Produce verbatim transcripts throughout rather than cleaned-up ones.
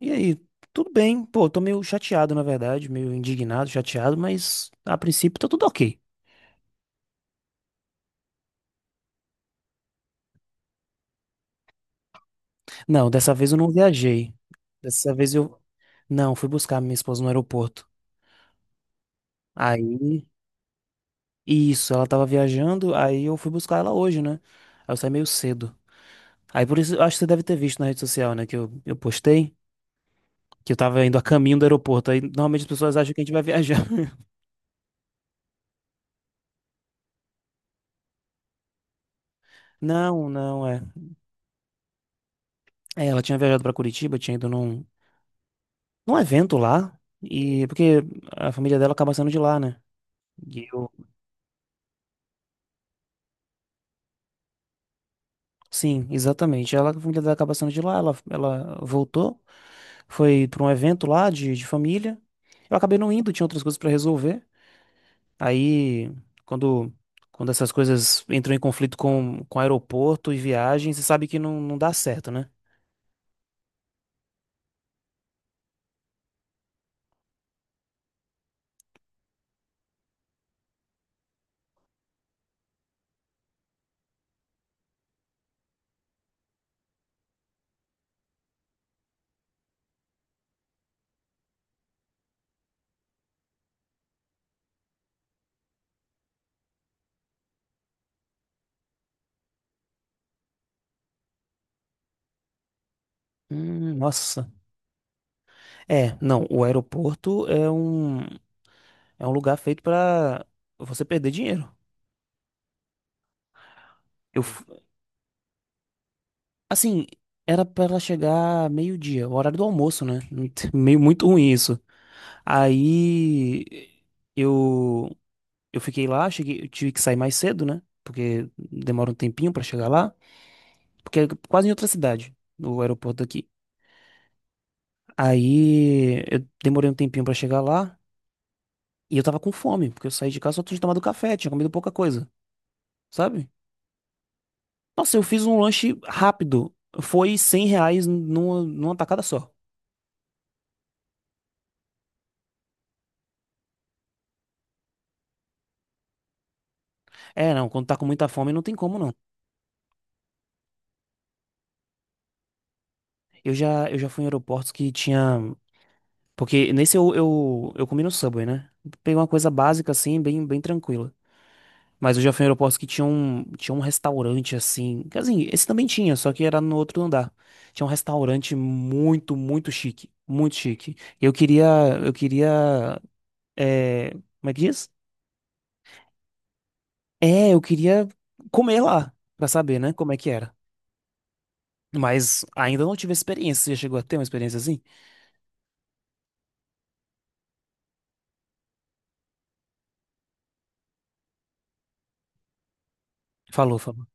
E aí, tudo bem? Pô, tô meio chateado, na verdade, meio indignado, chateado, mas a princípio tá tudo ok. Não, dessa vez eu não viajei. Dessa vez eu não fui buscar minha esposa no aeroporto. Aí, isso, ela tava viajando, aí eu fui buscar ela hoje, né? Aí eu saí meio cedo. Aí por isso, eu acho que você deve ter visto na rede social, né, que eu, eu postei que eu tava indo a caminho do aeroporto. Aí normalmente as pessoas acham que a gente vai viajar. Não, não, é. É, ela tinha viajado pra Curitiba, tinha ido num, num evento lá, e porque a família dela acaba sendo de lá, né? E eu, sim, exatamente. Ela, a família dela acaba sendo de lá, ela, ela voltou, foi para um evento lá de, de família. Eu acabei não indo, tinha outras coisas para resolver. Aí, quando, quando essas coisas entram em conflito com, com aeroporto e viagem, você sabe que não, não dá certo, né? Hum, nossa. É, não, o aeroporto é um, é um lugar feito para você perder dinheiro. Eu, assim, era pra ela chegar meio-dia, o horário do almoço, né? Muito- Meio muito ruim isso. Aí eu eu fiquei lá, cheguei, eu tive que sair mais cedo, né? Porque demora um tempinho pra chegar lá, porque é quase em outra cidade, o aeroporto daqui. Aí eu demorei um tempinho pra chegar lá e eu tava com fome, porque eu saí de casa só tinha tomado café, tinha comido pouca coisa, sabe? Nossa, eu fiz um lanche rápido. Foi cem reais numa, numa tacada só. É, não, quando tá com muita fome não tem como, não. Eu já, eu já fui em aeroportos que tinha. Porque nesse eu, eu, eu comi no Subway, né? Peguei uma coisa básica, assim, bem, bem tranquila. Mas eu já fui em aeroportos que tinha um, tinha um restaurante, assim. que, Assim, esse também tinha, só que era no outro andar. Tinha um restaurante muito, muito chique. Muito chique. E Eu queria. Eu queria. É, como é que diz? É, eu queria comer lá, pra saber, né? Como é que era. Mas ainda não tive experiência. Você já chegou a ter uma experiência assim? Falou, falou.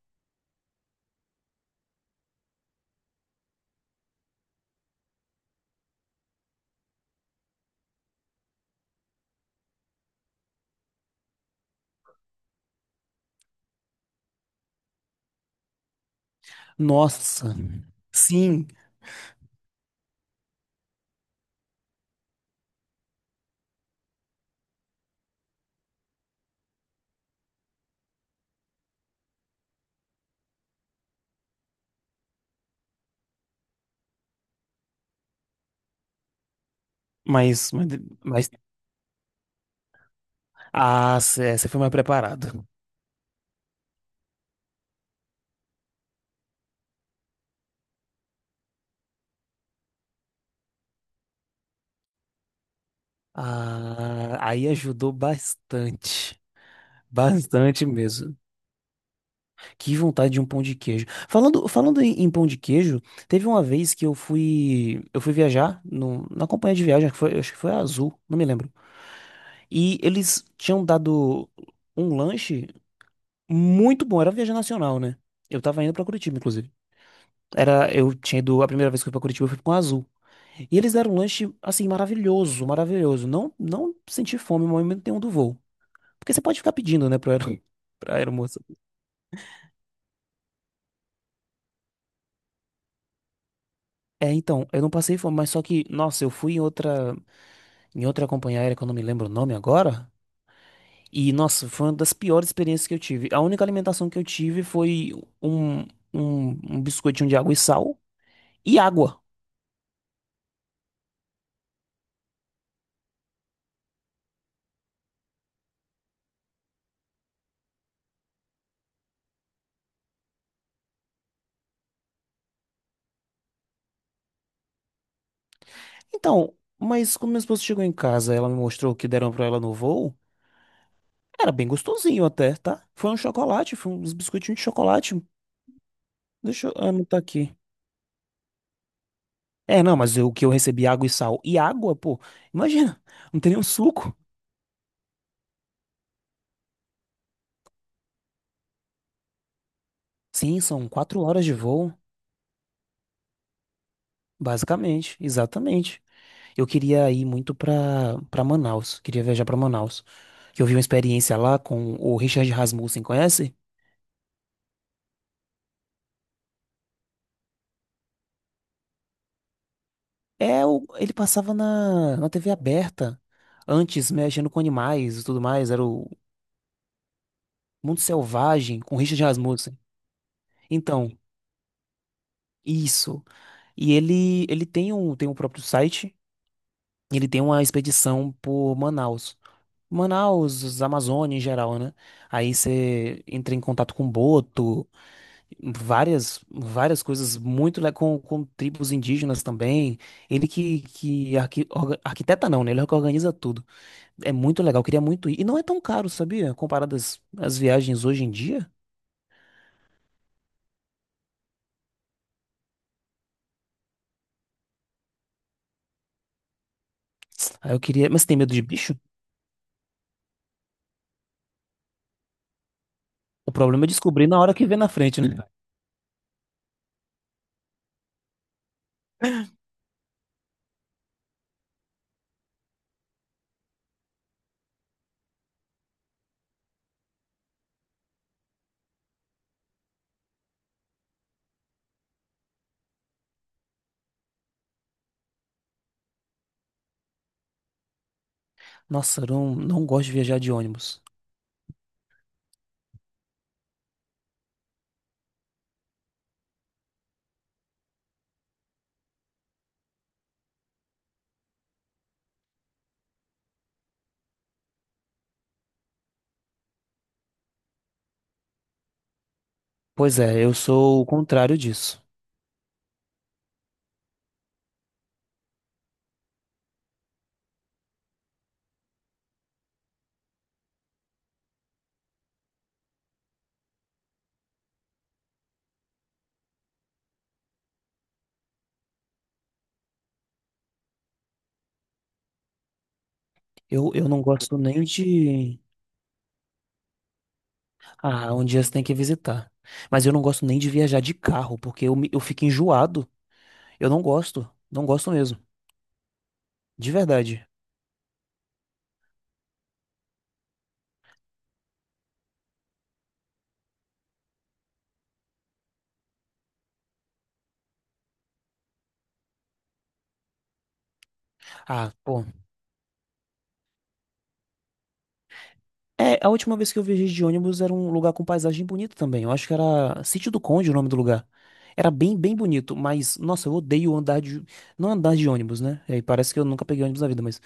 Nossa. Sim, mas, mas, mas- ah, cê- você foi mais preparado. Ah, aí ajudou bastante. Bastante mesmo. Que vontade de um pão de queijo. Falando, falando em, em pão de queijo, teve uma vez que eu fui, eu fui viajar no, na companhia de viagem, que foi, acho que foi a Azul, não me lembro. E eles tinham dado um lanche muito bom, era viagem nacional, né? Eu tava indo pra Curitiba, inclusive. Era, eu tinha ido, a primeira vez que eu fui pra Curitiba, eu fui com a Azul. E eles deram um lanche, assim, maravilhoso, maravilhoso. Não, não senti fome no momento nenhum do voo. Porque você pode ficar pedindo, né, pro aero... pra aeromoça. É, então, eu não passei fome, mas só que, nossa, eu fui em outra, em outra companhia aérea, que eu não me lembro o nome agora. E, nossa, foi uma das piores experiências que eu tive. A única alimentação que eu tive foi um, um, um biscoitinho de água e sal e água. Então, mas quando minha esposa chegou em casa, ela me mostrou o que deram pra ela no voo. Era bem gostosinho até, tá? Foi um chocolate, foi uns biscoitinhos de chocolate. Deixa eu anotar aqui. É, não, mas o que eu recebi água e sal. E água, pô, imagina, não tem nenhum suco. Sim, são quatro horas de voo, basicamente, exatamente. Eu queria ir muito pra, pra Manaus, queria viajar pra Manaus. Que eu vi uma experiência lá com o Richard Rasmussen, conhece? É, o, ele passava na, na T V aberta, antes mexendo com animais e tudo mais, era o Mundo Selvagem com Richard Rasmussen. Então, isso. E ele, ele tem um, tem um próprio site. Ele tem uma expedição por Manaus. Manaus, os Amazônia em geral, né? Aí você entra em contato com Boto, várias, várias coisas muito le- com, com tribos indígenas também. Ele que, que arqui- orga- arquiteta não, né? Ele que organiza tudo. É muito legal, eu queria muito ir. E não é tão caro, sabia? Comparado às, às viagens hoje em dia. Aí eu queria. Mas você tem medo de bicho? O problema é descobrir na hora que vê na frente, né? Nossa, eu não, não gosto de viajar de ônibus. Pois é, eu sou o contrário disso. Eu, eu não gosto nem de. Ah, um dia você tem que visitar. Mas eu não gosto nem de viajar de carro, porque eu, me- eu fico enjoado. Eu não gosto. Não gosto mesmo. De verdade. Ah, pô. É, a última vez que eu viajei de ônibus era um lugar com paisagem bonita também. Eu acho que era Sítio do Conde o nome do lugar. Era bem, bem bonito, mas, nossa, eu odeio andar de. Não andar de ônibus, né? Aí parece que eu nunca peguei ônibus na vida, mas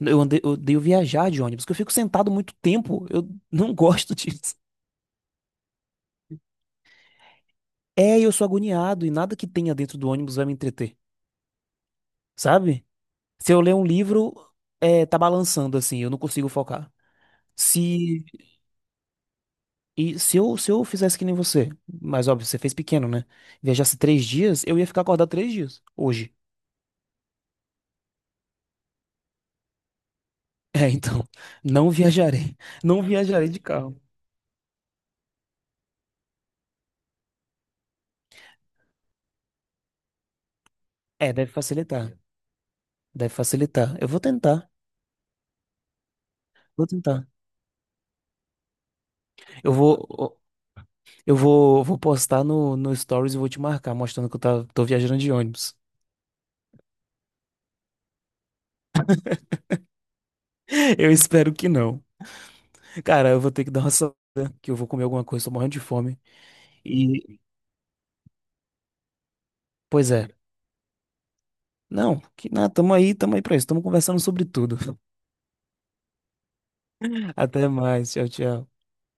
eu, andei, eu odeio viajar de ônibus, porque eu fico sentado muito tempo. Eu não gosto disso. É, eu sou agoniado e nada que tenha dentro do ônibus vai me entreter, sabe? Se eu ler um livro, é, tá balançando assim, eu não consigo focar. Se, e se eu, se eu fizesse que nem você, mas óbvio, você fez pequeno, né? Viajasse três dias, eu ia ficar acordado três dias, hoje. É, então, não viajarei. Não viajarei de carro. É, deve facilitar. Deve facilitar. Eu vou tentar. Vou tentar. Eu vou, eu vou, vou postar no, no Stories e vou te marcar, mostrando que eu tá- tô viajando de ônibus. Eu espero que não. Cara, eu vou ter que dar uma saída, que eu vou comer alguma coisa, tô morrendo de fome. E, pois é. Não, que nada, tamo aí, tamo aí pra isso, tamo conversando sobre tudo. Até mais, tchau, tchau.